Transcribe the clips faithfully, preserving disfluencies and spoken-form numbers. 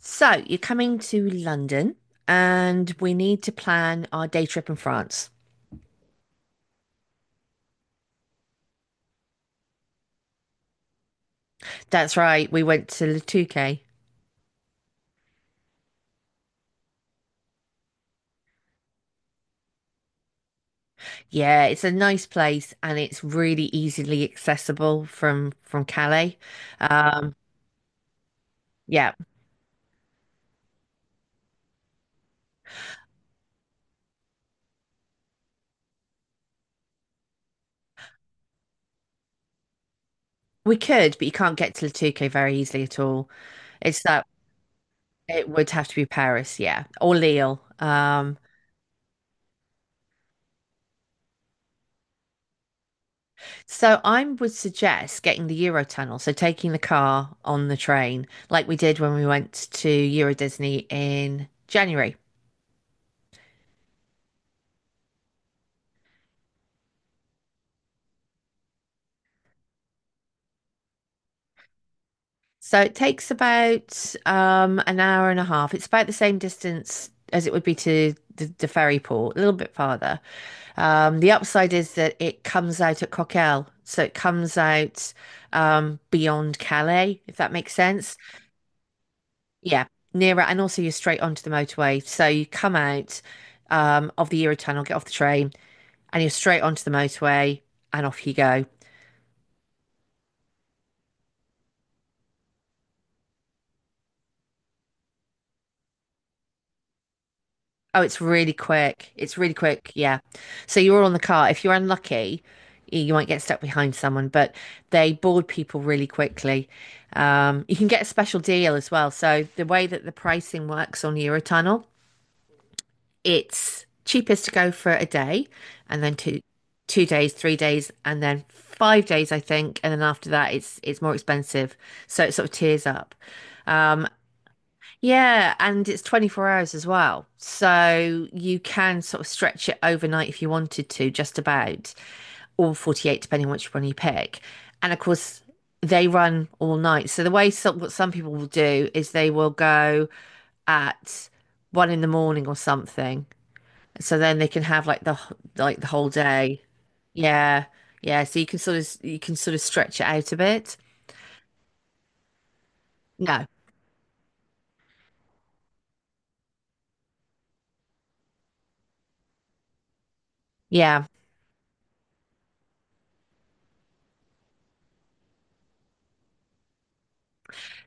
So you're coming to London and we need to plan our day trip in France. That's right, we went to Le Touquet. Yeah, it's a nice place and it's really easily accessible from from Calais. Um, yeah, we could, but you can't get to Le Touquet very easily at all. It's that it would have to be Paris, yeah, or Lille. Um, So I would suggest getting the Eurotunnel, so taking the car on the train, like we did when we went to Euro Disney in January. So it takes about um, an hour and a half. It's about the same distance as it would be to the, the ferry port, a little bit farther. Um, the upside is that it comes out at Coquelles, so it comes out um, beyond Calais, if that makes sense. Yeah, nearer, and also you're straight onto the motorway. So you come out um, of the Eurotunnel, get off the train, and you're straight onto the motorway, and off you go. Oh, it's really quick. It's really quick. Yeah. So you're all on the car. If you're unlucky, y- you might get stuck behind someone, but they board people really quickly. Um, you can get a special deal as well. So the way that the pricing works on Eurotunnel, it's cheapest to go for a day and then two two days, three days, and then five days, I think. And then after that it's it's more expensive. So it sort of tiers up. Um yeah, and it's twenty-four hours as well. So you can sort of stretch it overnight if you wanted to, just about, or forty-eight, depending on which one you pick. And of course they run all night. So the way some, what some people will do is they will go at one in the morning or something, so then they can have like the wh- like the whole day. Yeah. Yeah. So you can sort of you can sort of stretch it out a bit. No. Yeah.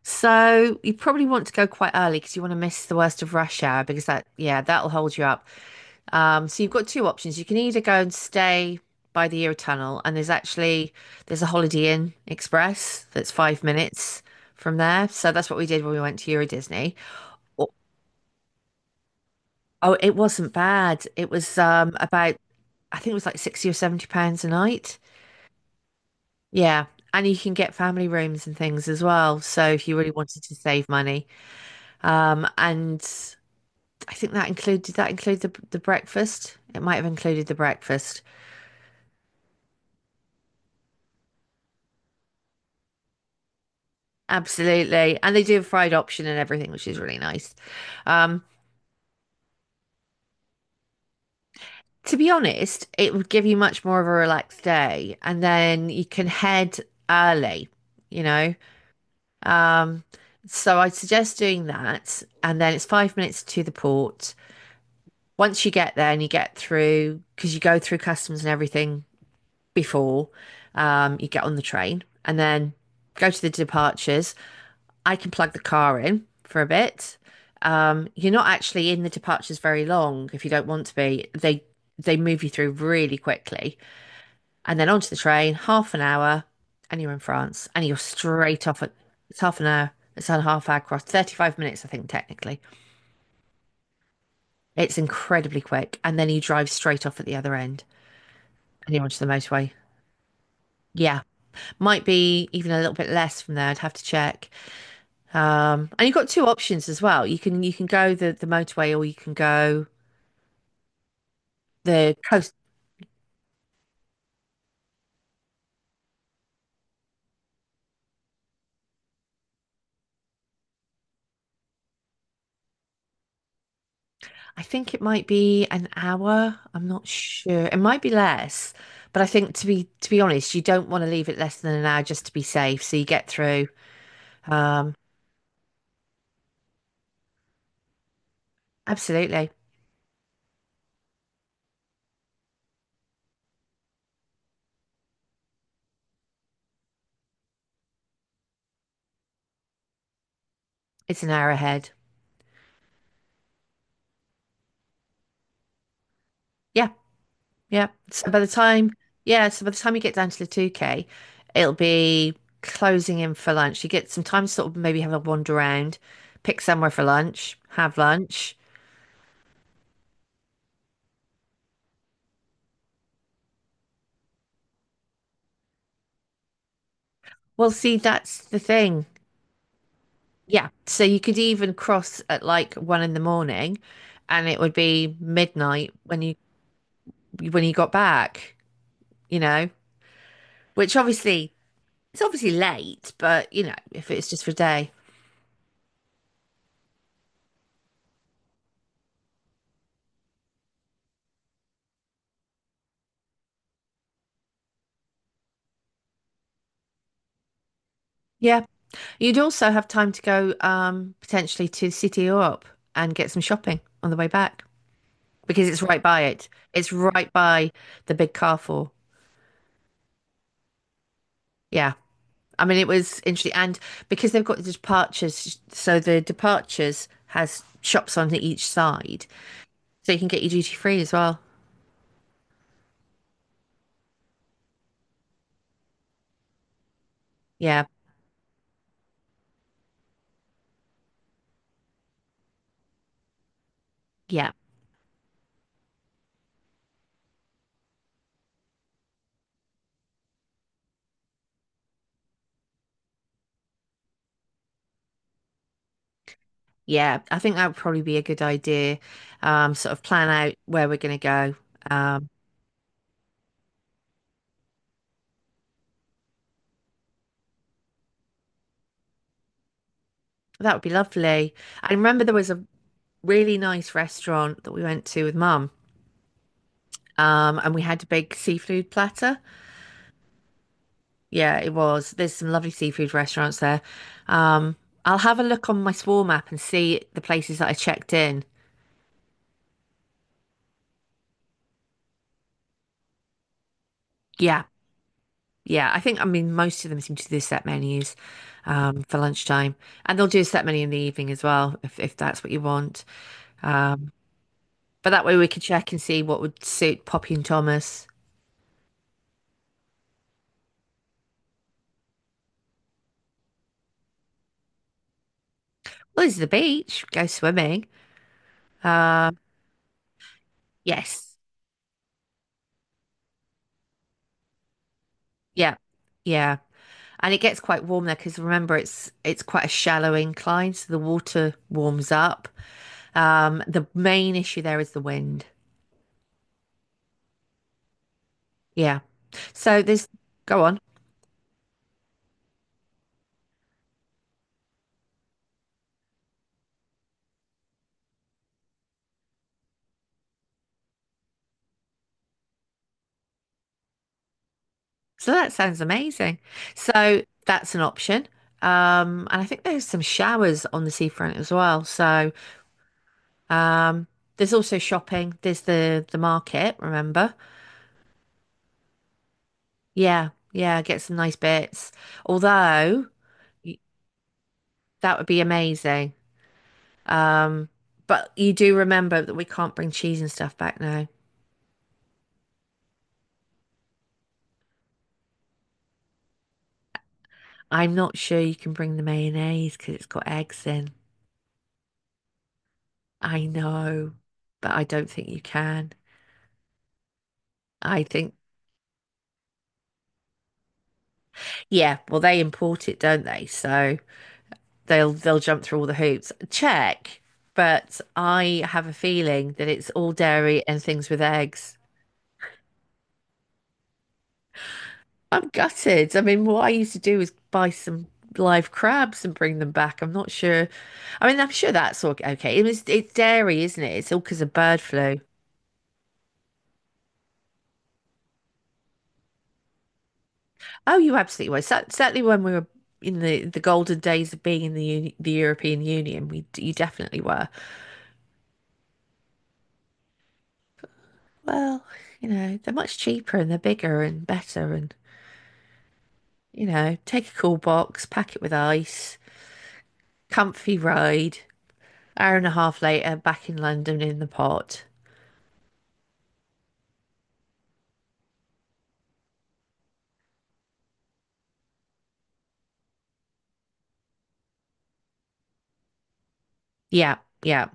So you probably want to go quite early because you want to miss the worst of rush hour because that yeah, that'll hold you up. Um, so you've got two options. You can either go and stay by the Euro Tunnel, and there's actually there's a Holiday Inn Express that's five minutes from there. So that's what we did when we went to Euro Disney. Oh, oh, it wasn't bad. It was um about, I think it was like sixty or seventy pounds a night. Yeah. And you can get family rooms and things as well. So if you really wanted to save money. Um, and I think that included, did that include the, the breakfast? It might have included the breakfast. Absolutely. And they do a fried option and everything, which is really nice. Um, to be honest, it would give you much more of a relaxed day. And then you can head early, you know. Um, so I suggest doing that. And then it's five minutes to the port. Once you get there and you get through, because you go through customs and everything before, um, you get on the train and then go to the departures, I can plug the car in for a bit. Um, you're not actually in the departures very long if you don't want to be. They they move you through really quickly, and then onto the train, half an hour, and you're in France, and you're straight off at it's half an hour. It's on half hour cross, thirty-five minutes, I think, technically. It's incredibly quick. And then you drive straight off at the other end. Heading onto the motorway. Yeah, might be even a little bit less from there. I'd have to check. Um, and you've got two options as well. You can you can go the the motorway or you can go the coast. I think it might be an hour. I'm not sure. It might be less, but I think, to be to be honest, you don't want to leave it less than an hour just to be safe. So you get through. Um, Absolutely, it's an hour ahead. Yeah, yeah. So by the time, yeah, so by the time you get down to the two K, it'll be closing in for lunch. You get some time to sort of maybe have a wander around, pick somewhere for lunch, have lunch. Well, see, that's the thing. Yeah. So you could even cross at like one in the morning, and it would be midnight when you when you got back, you know, which obviously it's obviously late, but you know, if it's just for a day. Yeah. You'd also have time to go um, potentially to the city or up and get some shopping on the way back because it's right by it. It's right by the big Carrefour. Yeah. I mean, it was interesting. And because they've got the departures, so the departures has shops on each side. So you can get your duty free as well. Yeah. Yeah. Yeah. I think that would probably be a good idea. Um, sort of plan out where we're going to go. Um, that would be lovely. I remember there was a really nice restaurant that we went to with mum. Um, and we had a big seafood platter. Yeah, it was. There's some lovely seafood restaurants there. Um, I'll have a look on my Swarm app and see the places that I checked in. Yeah, yeah. I think, I mean, most of them seem to do set menus um, for lunchtime. And they'll do a set menu in the evening as well, if, if that's what you want. Um, but that way we could check and see what would suit Poppy and Thomas. Well, this is the beach. Go swimming. Uh, yes. Yeah. Yeah. And it gets quite warm there because remember it's it's quite a shallow incline, so the water warms up. Um, the main issue there is the wind. Yeah. So there's go on. So that sounds amazing. So that's an option. Um, and I think there's some showers on the seafront as well. So um, there's also shopping. There's the the market, remember? Yeah, yeah, get some nice bits. Although y- that would be amazing. Um, but you do remember that we can't bring cheese and stuff back now. I'm not sure you can bring the mayonnaise because it's got eggs in. I know, but I don't think you can. I think, yeah, well, they import it, don't they? So they'll they'll jump through all the hoops. Check, but I have a feeling that it's all dairy and things with eggs. I'm gutted. I mean, what I used to do was buy some live crabs and bring them back. I'm not sure, I mean, I'm sure that's all okay. It was it's dairy, isn't it? It's all because of bird flu. Oh, you absolutely were. Cer- Certainly, when we were in the the golden days of being in the uni the European Union, we you definitely were. Well, you know, they're much cheaper and they're bigger and better, and you know, take a cool box, pack it with ice, comfy ride. Hour and a half later, back in London in the pot. Yeah, yeah.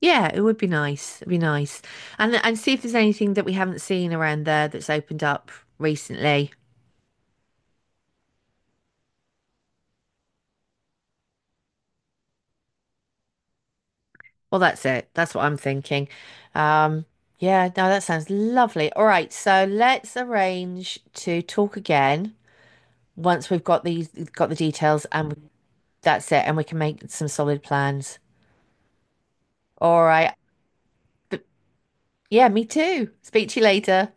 Yeah, it would be nice. It'd be nice. And and see if there's anything that we haven't seen around there that's opened up recently. Well, that's it. That's what I'm thinking. Um, yeah, no, that sounds lovely. All right, so let's arrange to talk again once we've got these got the details, and that's it, and we can make some solid plans. All right. But yeah, me too. Speak to you later.